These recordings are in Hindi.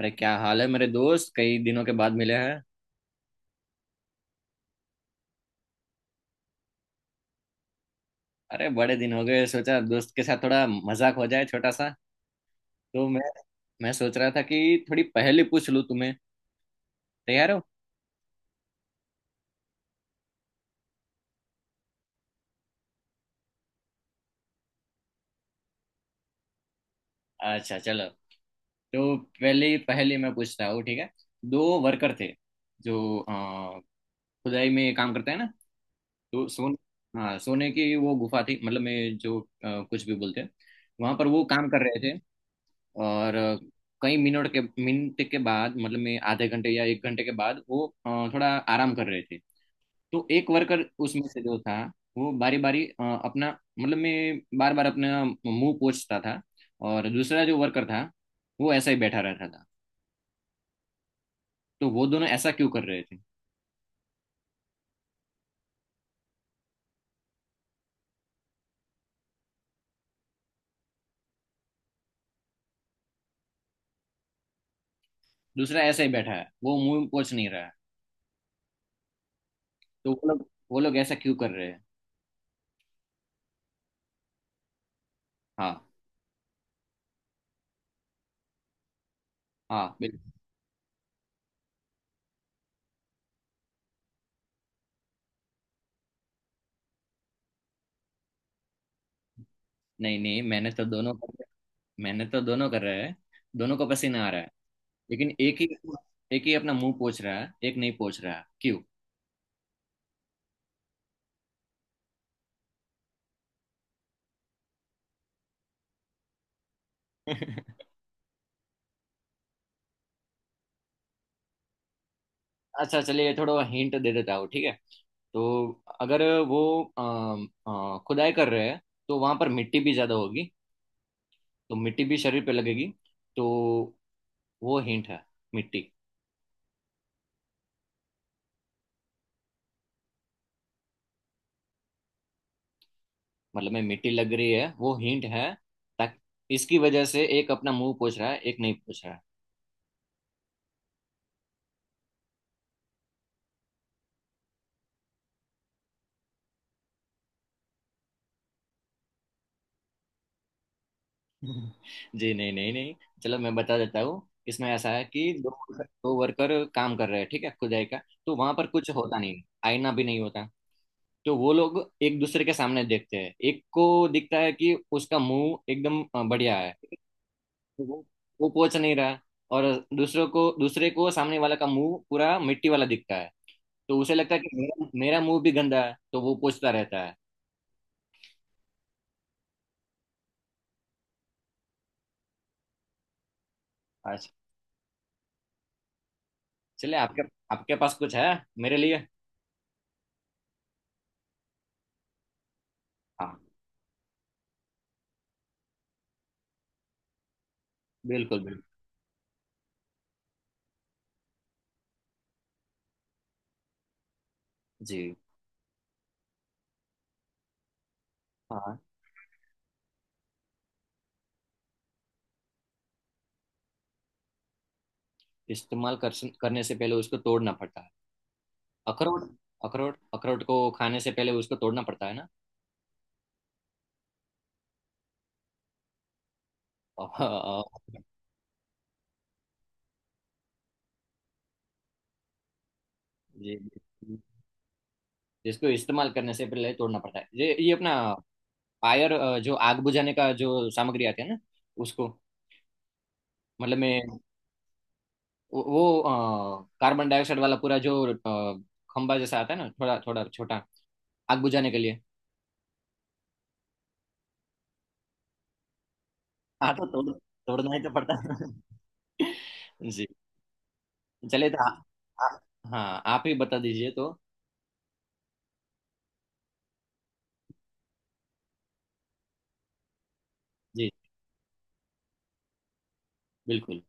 अरे क्या हाल है मेरे दोस्त, कई दिनों के बाद मिले हैं। अरे बड़े दिन हो गए, सोचा दोस्त के साथ थोड़ा मजाक हो जाए छोटा सा। तो मैं सोच रहा था कि थोड़ी पहेली पूछ लूं तुम्हें। तैयार हो? अच्छा चलो, तो पहली पहेली मैं पूछता हूँ, ठीक है। दो वर्कर थे जो खुदाई में काम करते हैं ना। तो सोन, हाँ सोने की वो गुफा थी, मतलब मैं जो कुछ भी बोलते हैं, वहां पर वो काम कर रहे थे। और कई मिनट के बाद, मतलब मैं आधे घंटे या एक घंटे के बाद वो थोड़ा आराम कर रहे थे। तो एक वर्कर उसमें से जो था, वो बारी बारी अपना, मतलब मैं बार बार अपना मुंह पोंछता था। और दूसरा जो वर्कर था वो ऐसा ही बैठा रहता था। तो वो दोनों ऐसा क्यों कर रहे थे? दूसरा ऐसा ही बैठा है, वो मुंह पोंछ नहीं रहा है। तो वो लोग ऐसा क्यों कर रहे हैं? हाँ, हाँ बिल्कुल। नहीं नहीं, मैंने तो दोनों कर रहे हैं, दोनों को पसीना आ रहा है। लेकिन एक ही अपना मुंह पोछ रहा है, एक नहीं पोछ रहा है, क्यों? अच्छा चलिए, थोड़ा हिंट दे देता हूँ ठीक है। तो अगर वो खुदाई कर रहे हैं, तो वहां पर मिट्टी भी ज्यादा होगी, तो मिट्टी भी शरीर पे लगेगी। तो वो हिंट है, मिट्टी। मतलब में मिट्टी लग रही है वो हिंट है, ताकि इसकी वजह से एक अपना मुंह पोछ रहा है, एक नहीं पोछ रहा है। जी नहीं नहीं नहीं, चलो मैं बता देता हूँ। इसमें ऐसा है कि दो दो वर्कर काम कर रहे हैं ठीक है, खुदाई का। तो वहां पर कुछ होता नहीं, आईना भी नहीं होता। तो वो लोग एक दूसरे के सामने देखते हैं। एक को दिखता है कि उसका मुंह एकदम बढ़िया है, तो वो पोच नहीं रहा। और दूसरों को, दूसरे को सामने वाला का मुंह पूरा मिट्टी वाला दिखता है, तो उसे लगता है कि मेरा मेरा मुंह भी गंदा है, तो वो पोंछता रहता है। अच्छा चलिए, आपके आपके पास कुछ है मेरे लिए? हाँ बिल्कुल बिल्कुल। जी। हाँ। इस्तेमाल कर, करने से पहले उसको तोड़ना पड़ता है, अखरोट। अखरोट, अखरोट को खाने से पहले उसको तोड़ना पड़ता है ना। और। जी। जिसको इस्तेमाल करने से पहले तोड़ना पड़ता है ये अपना फायर, जो आग बुझाने का जो सामग्री आती है ना, उसको, मतलब मैं, वो, कार्बन डाइऑक्साइड वाला पूरा जो खंबा जैसा आता है ना, थोड़ा थोड़ा छोटा, आग बुझाने के लिए। हाँ तो तोड़, तोड़ना ही तो पड़ता है। जी। चलिए तो आ, आ, हाँ आप ही बता दीजिए तो। जी बिल्कुल।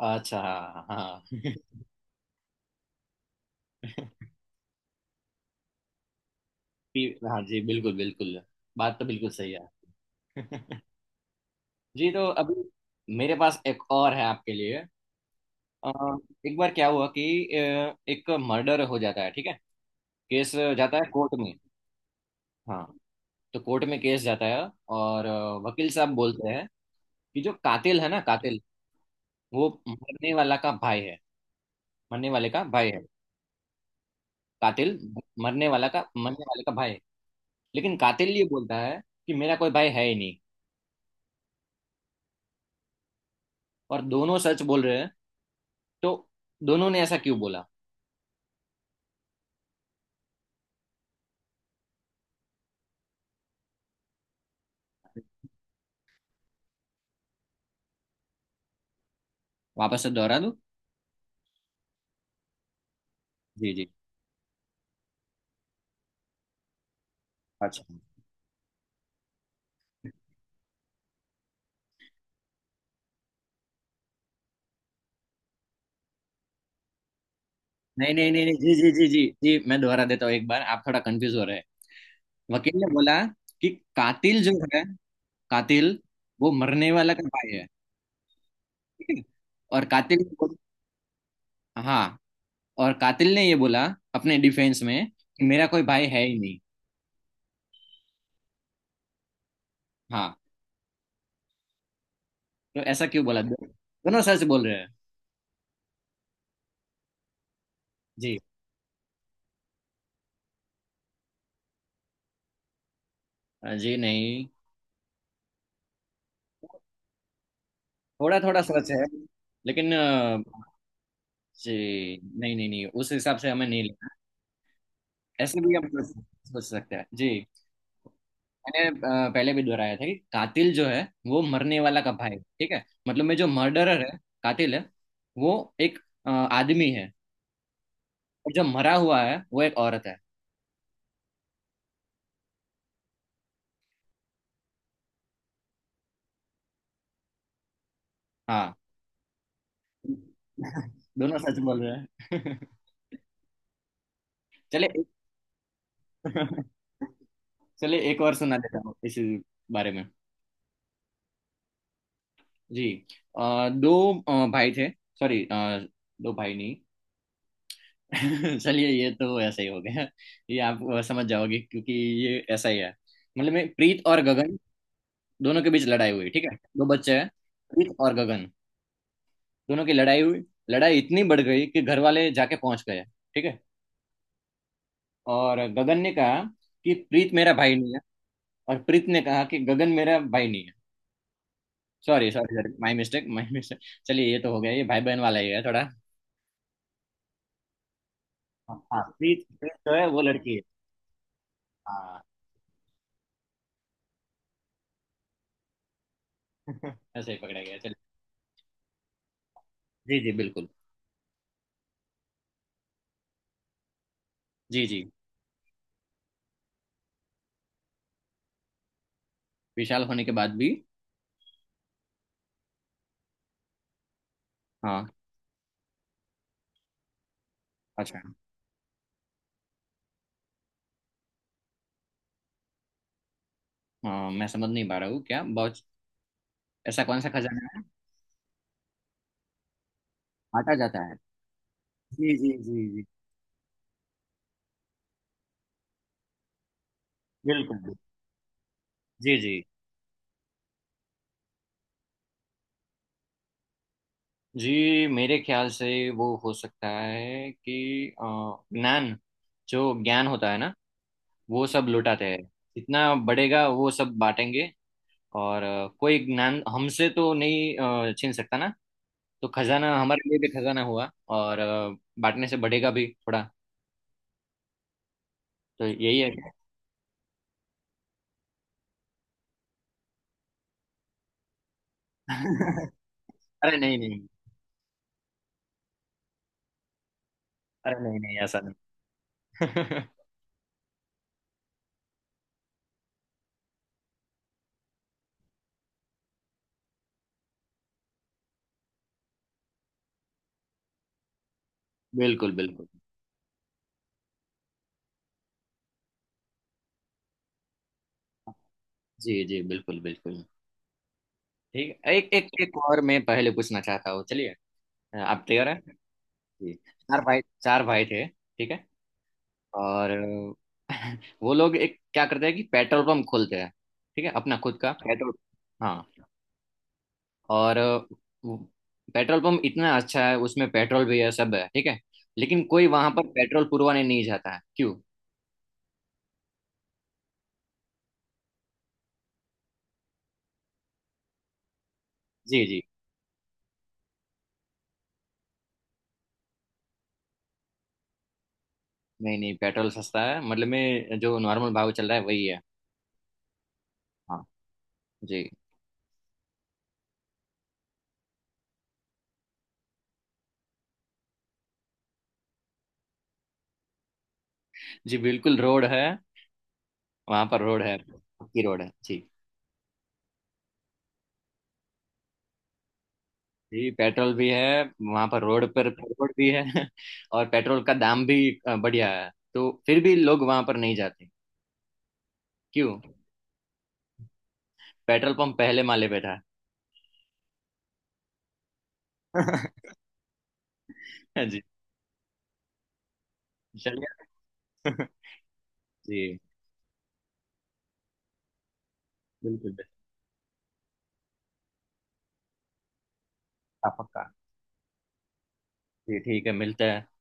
अच्छा हाँ हाँ। कि, हाँ जी बिल्कुल बिल्कुल। बात तो बिल्कुल सही है। जी। तो अभी मेरे पास एक और है आपके लिए। अ, एक बार क्या हुआ कि एक मर्डर हो जाता है, ठीक है। केस जाता है कोर्ट में। हाँ। तो कोर्ट में केस जाता है, और वकील साहब बोलते हैं कि जो कातिल है ना, कातिल वो मरने वाला का भाई है। मरने वाले का भाई है। कातिल मरने वाला का, मरने वाले का भाई है। लेकिन कातिल ये बोलता है कि मेरा कोई भाई है ही नहीं। और दोनों सच बोल रहे हैं। तो दोनों ने ऐसा क्यों बोला? वापस से दोहरा दूं? जी जी। अच्छा। नहीं नहीं नहीं नहीं, जी जी जी जी जी, मैं दोहरा देता हूँ एक बार, आप थोड़ा कंफ्यूज हो रहे हैं। वकील ने बोला कि कातिल जो है, कातिल वो मरने वाला का भाई है, ठीक है। और हाँ। और कातिल ने ये बोला अपने डिफेंस में कि मेरा कोई भाई है ही नहीं। हाँ। तो ऐसा क्यों बोला? दोनों सच बोल रहे हैं। जी। जी नहीं, थोड़ा थोड़ा सच है लेकिन। जी नहीं नहीं नहीं, उस हिसाब से हमें नहीं लेना। ऐसे भी हम सोच सोच सकते हैं जी। मैंने पहले भी दोहराया था कि कातिल जो है वो मरने वाला का भाई, ठीक है। मतलब में जो मर्डरर है, कातिल है, वो एक आदमी है। और जो मरा हुआ है वो एक औरत है। हाँ। दोनों सच बोल रहे हैं। चले एक, चलिए एक और सुना देता हूँ इस बारे में। जी। दो भाई थे। सॉरी, दो भाई नहीं। चलिए ये तो ऐसा ही हो गया। ये आप समझ जाओगे क्योंकि ये ऐसा ही है। मतलब मैं प्रीत और गगन, दोनों के बीच लड़ाई हुई, ठीक है। दो बच्चे हैं, प्रीत और गगन, दोनों की लड़ाई हुई। लड़ाई इतनी बढ़ गई कि घर वाले जाके पहुंच गए, ठीक है। और गगन ने कहा कि प्रीत मेरा भाई नहीं है। और प्रीत ने कहा कि गगन मेरा भाई नहीं है। Sorry sorry sorry, my mistake my mistake. चलिए ये तो हो गया, ये भाई बहन वाला ही है थोड़ा। हाँ, प्रीत प्रीत जो है वो लड़की है। हाँ। ऐसे ही पकड़ा गया, चलिए। जी जी बिल्कुल। जी जी। विशाल होने के बाद भी। हाँ। अच्छा। हाँ मैं समझ नहीं पा रहा हूँ क्या, बहुत, ऐसा कौन सा खजाना है? बांटा जाता है? जी जी जी जी बिल्कुल बिल्कुल। जी जी। जी मेरे ख्याल से वो हो सकता है कि ज्ञान। जो ज्ञान होता है ना, वो सब लुटाते हैं। जितना बढ़ेगा वो सब बांटेंगे। और कोई ज्ञान हमसे तो नहीं छीन सकता ना, तो खजाना हमारे लिए भी खजाना हुआ। और बांटने से बढ़ेगा भी थोड़ा। तो यही है। अरे नहीं नहीं। अरे नहीं नहीं, ऐसा नहीं। बिल्कुल बिल्कुल। जी जी बिल्कुल बिल्कुल। ठीक है, एक एक एक और मैं पहले पूछना चाहता हूँ, चलिए। आप तैयार हैं? जी। चार भाई थे, ठीक है। और वो लोग एक क्या करते हैं कि पेट्रोल पंप खोलते हैं, ठीक है, अपना खुद का पेट्रोल। हाँ। और वो पेट्रोल पंप इतना अच्छा है, उसमें पेट्रोल भी है, सब है, ठीक है। लेकिन कोई वहां पर पेट्रोल पुरवाने नहीं जाता है, क्यों? जी जी। नहीं नहीं, पेट्रोल सस्ता है, मतलब में जो नॉर्मल भाव चल रहा है वही है। हाँ। जी जी बिल्कुल, रोड है, वहां पर रोड है, पक्की रोड है जी। जी पेट्रोल भी है, वहां पर रोड पर पेट्रोल भी है और पेट्रोल का दाम भी बढ़िया है। तो फिर भी लोग वहां पर नहीं जाते, क्यों? पेट्रोल पंप पहले माले पे था। जी, चलिए। जी बिल्कुल, पक्का पक्का। जी ठीक है, मिलते हैं।